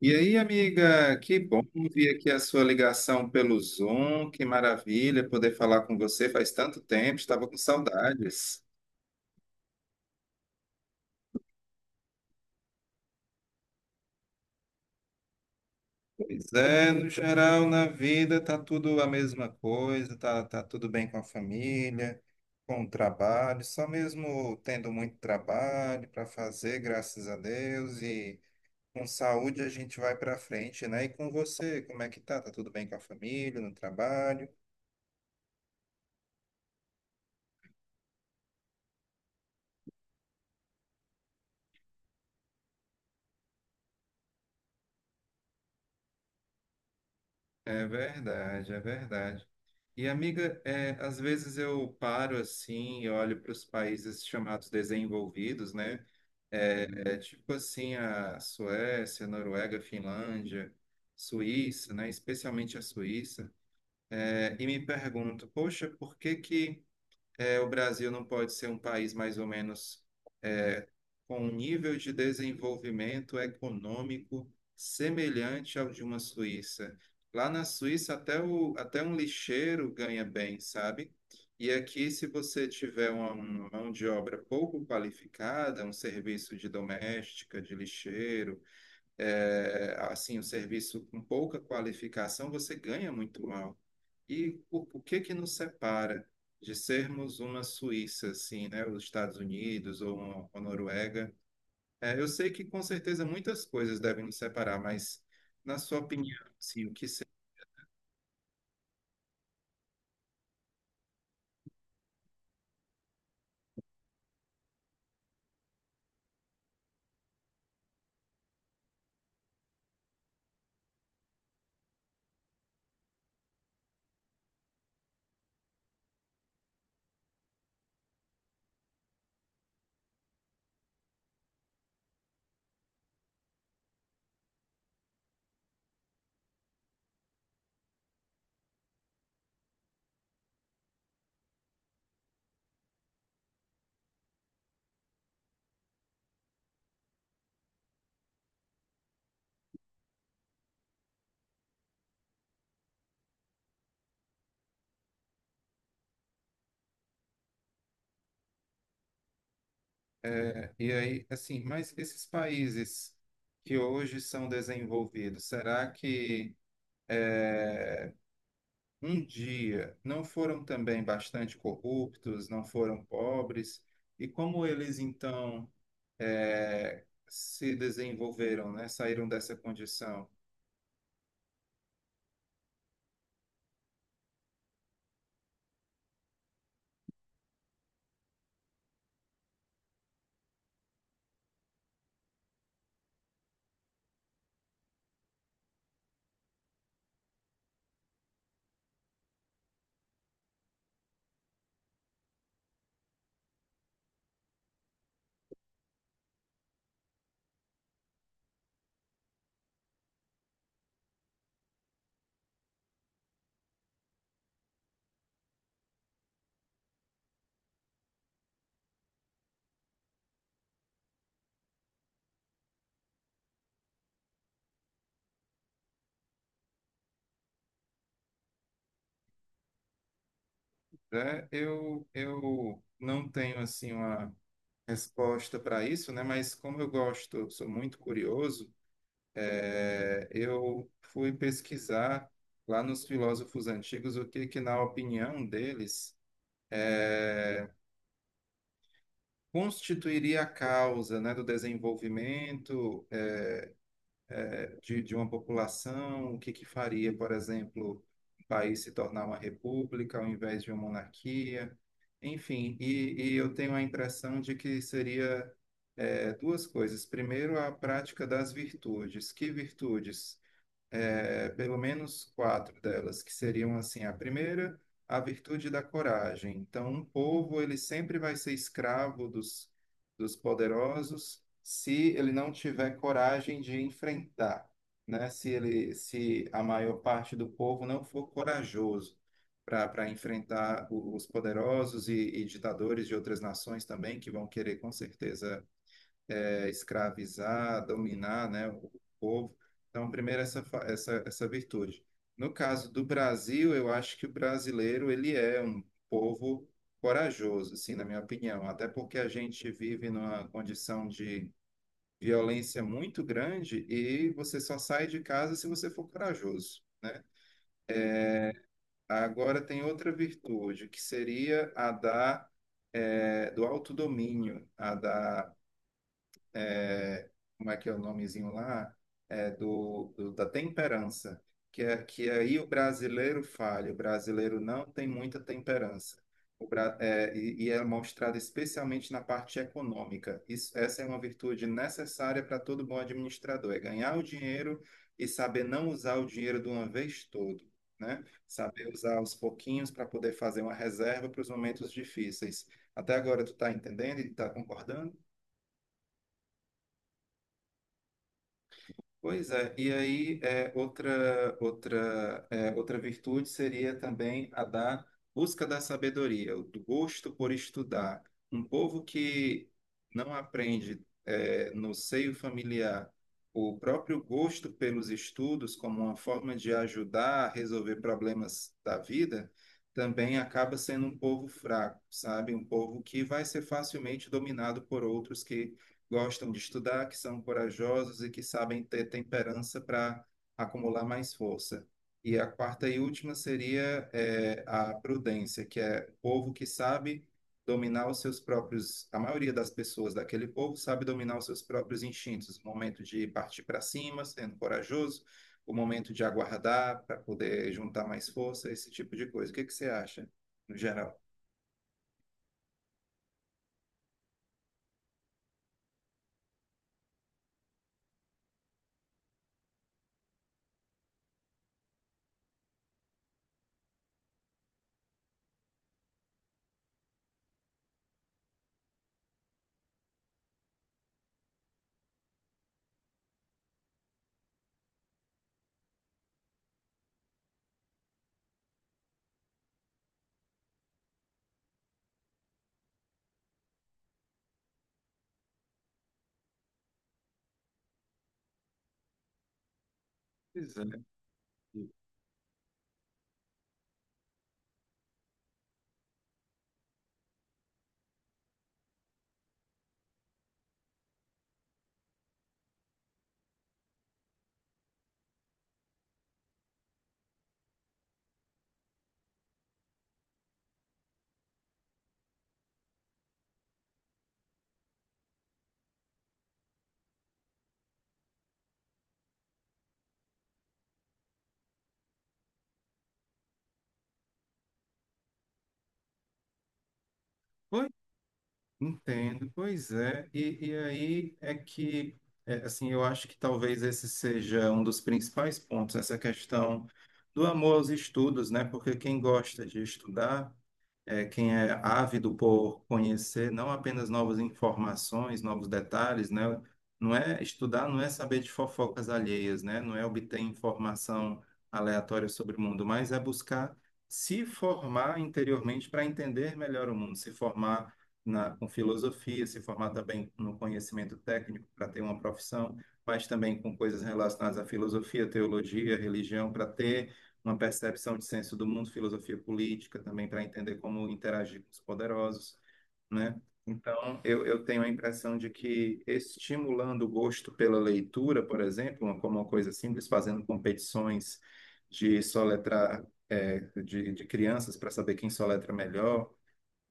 E aí, amiga, que bom ver aqui a sua ligação pelo Zoom, que maravilha poder falar com você faz tanto tempo, estava com saudades. Pois é, no geral, na vida tá tudo a mesma coisa, tá tudo bem com a família, com o trabalho, só mesmo tendo muito trabalho para fazer, graças a Deus, e com saúde a gente vai para frente, né? E com você, como é que tá? Tá tudo bem com a família, no trabalho? É verdade, é verdade. E, amiga, às vezes eu paro assim e olho para os países chamados desenvolvidos, né? É, tipo assim, a Suécia, Noruega, Finlândia, Suíça, né? Especialmente a Suíça. E me pergunto, poxa, por que que o Brasil não pode ser um país mais ou menos com um nível de desenvolvimento econômico semelhante ao de uma Suíça. Lá na Suíça, até, até um lixeiro ganha bem, sabe? E aqui, se você tiver uma mão de obra pouco qualificada, um serviço de doméstica, de lixeiro, assim, um serviço com pouca qualificação, você ganha muito mal. E o que que nos separa de sermos uma Suíça, assim, né? Os Estados Unidos ou uma Noruega? Eu sei que com certeza muitas coisas devem nos separar, mas na sua opinião, assim, o que se- e aí, assim, mas esses países que hoje são desenvolvidos, será que é, um dia não foram também bastante corruptos, não foram pobres? E como eles então se desenvolveram, né? Saíram dessa condição? Né? Eu não tenho assim uma resposta para isso, né? Mas como eu gosto, sou muito curioso, eu fui pesquisar lá nos filósofos antigos o que que, na opinião deles, eh, constituiria a causa, né, do desenvolvimento de uma população, o que que faria, por exemplo, o país se tornar uma república ao invés de uma monarquia, enfim, e eu tenho a impressão de que seria, duas coisas. Primeiro, a prática das virtudes. Que virtudes? Pelo menos quatro delas, que seriam assim, a primeira, a virtude da coragem. Então, um povo ele sempre vai ser escravo dos poderosos se ele não tiver coragem de enfrentar, né? Se ele, se a maior parte do povo não for corajoso para enfrentar os poderosos e ditadores de outras nações também que vão querer com certeza escravizar, dominar, né, o povo. Então, primeiro essa, essa virtude. No caso do Brasil, eu acho que o brasileiro ele é um povo corajoso, assim, na minha opinião, até porque a gente vive numa condição de violência muito grande e você só sai de casa se você for corajoso, né? Agora tem outra virtude, que seria do autodomínio, é, como é que é o nomezinho lá? Da temperança, que, é, que aí o brasileiro falha, o brasileiro não tem muita temperança. O, bra- é, e é mostrado especialmente na parte econômica. Isso, essa é uma virtude necessária para todo bom administrador, é ganhar o dinheiro e saber não usar o dinheiro de uma vez todo, né? Saber usar aos pouquinhos para poder fazer uma reserva para os momentos difíceis. Até agora tu está entendendo e está concordando? Pois é. E aí, outra virtude seria também a da busca da sabedoria, o do gosto por estudar. Um povo que não aprende, no seio familiar, o próprio gosto pelos estudos como uma forma de ajudar a resolver problemas da vida, também acaba sendo um povo fraco, sabe? Um povo que vai ser facilmente dominado por outros que gostam de estudar, que são corajosos e que sabem ter temperança para acumular mais força. E a quarta e última seria, a prudência, que é o povo que sabe dominar os seus próprios, a maioria das pessoas daquele povo sabe dominar os seus próprios instintos, o momento de partir para cima, sendo corajoso, o momento de aguardar para poder juntar mais força, esse tipo de coisa. O que que você acha, no geral? Pois é. Pois Entendo, pois é. E aí é que, assim, eu acho que talvez esse seja um dos principais pontos, essa questão do amor aos estudos, né? Porque quem gosta de estudar, quem é ávido por conhecer não apenas novas informações, novos detalhes, né? Não é estudar, não é saber de fofocas alheias, né? Não é obter informação aleatória sobre o mundo, mas é buscar se formar interiormente para entender melhor o mundo, se formar na, com filosofia, se formar também no conhecimento técnico para ter uma profissão, mas também com coisas relacionadas à filosofia, teologia, religião, para ter uma percepção de senso do mundo, filosofia política também para entender como interagir com os poderosos, né? Então, eu tenho a impressão de que estimulando o gosto pela leitura, por exemplo, como uma coisa simples, fazendo competições de soletrar, é, de crianças para saber quem soletra melhor,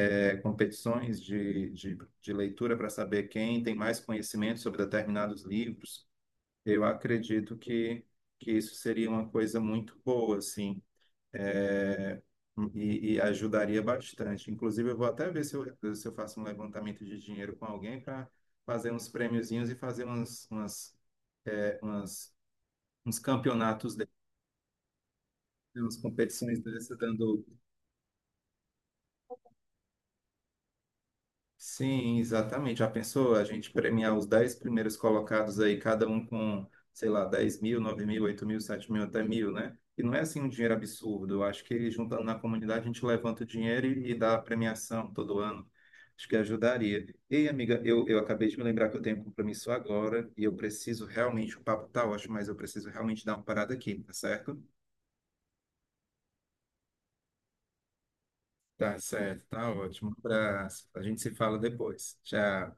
é, competições de leitura para saber quem tem mais conhecimento sobre determinados livros, eu acredito que isso seria uma coisa muito boa, assim, é, e ajudaria bastante. Inclusive, eu vou até ver se eu faço um levantamento de dinheiro com alguém para fazer uns prêmiozinhos e fazer é, umas- uns campeonatos, dessas, umas competições dessas, dando. Sim, exatamente. Já pensou a gente premiar os 10 primeiros colocados aí, cada um com, sei lá, 10 mil, 9 mil, 8 mil, 7 mil, até 1 mil, né? E não é assim um dinheiro absurdo. Eu acho que juntando na comunidade a gente levanta o dinheiro e dá a premiação todo ano. Acho que ajudaria. Ei, amiga, eu acabei de me lembrar que eu tenho um compromisso agora e eu preciso realmente, o papo tá ótimo, mas eu preciso realmente dar uma parada aqui, tá certo? Tá certo, tá ótimo. Um abraço. A gente se fala depois. Tchau.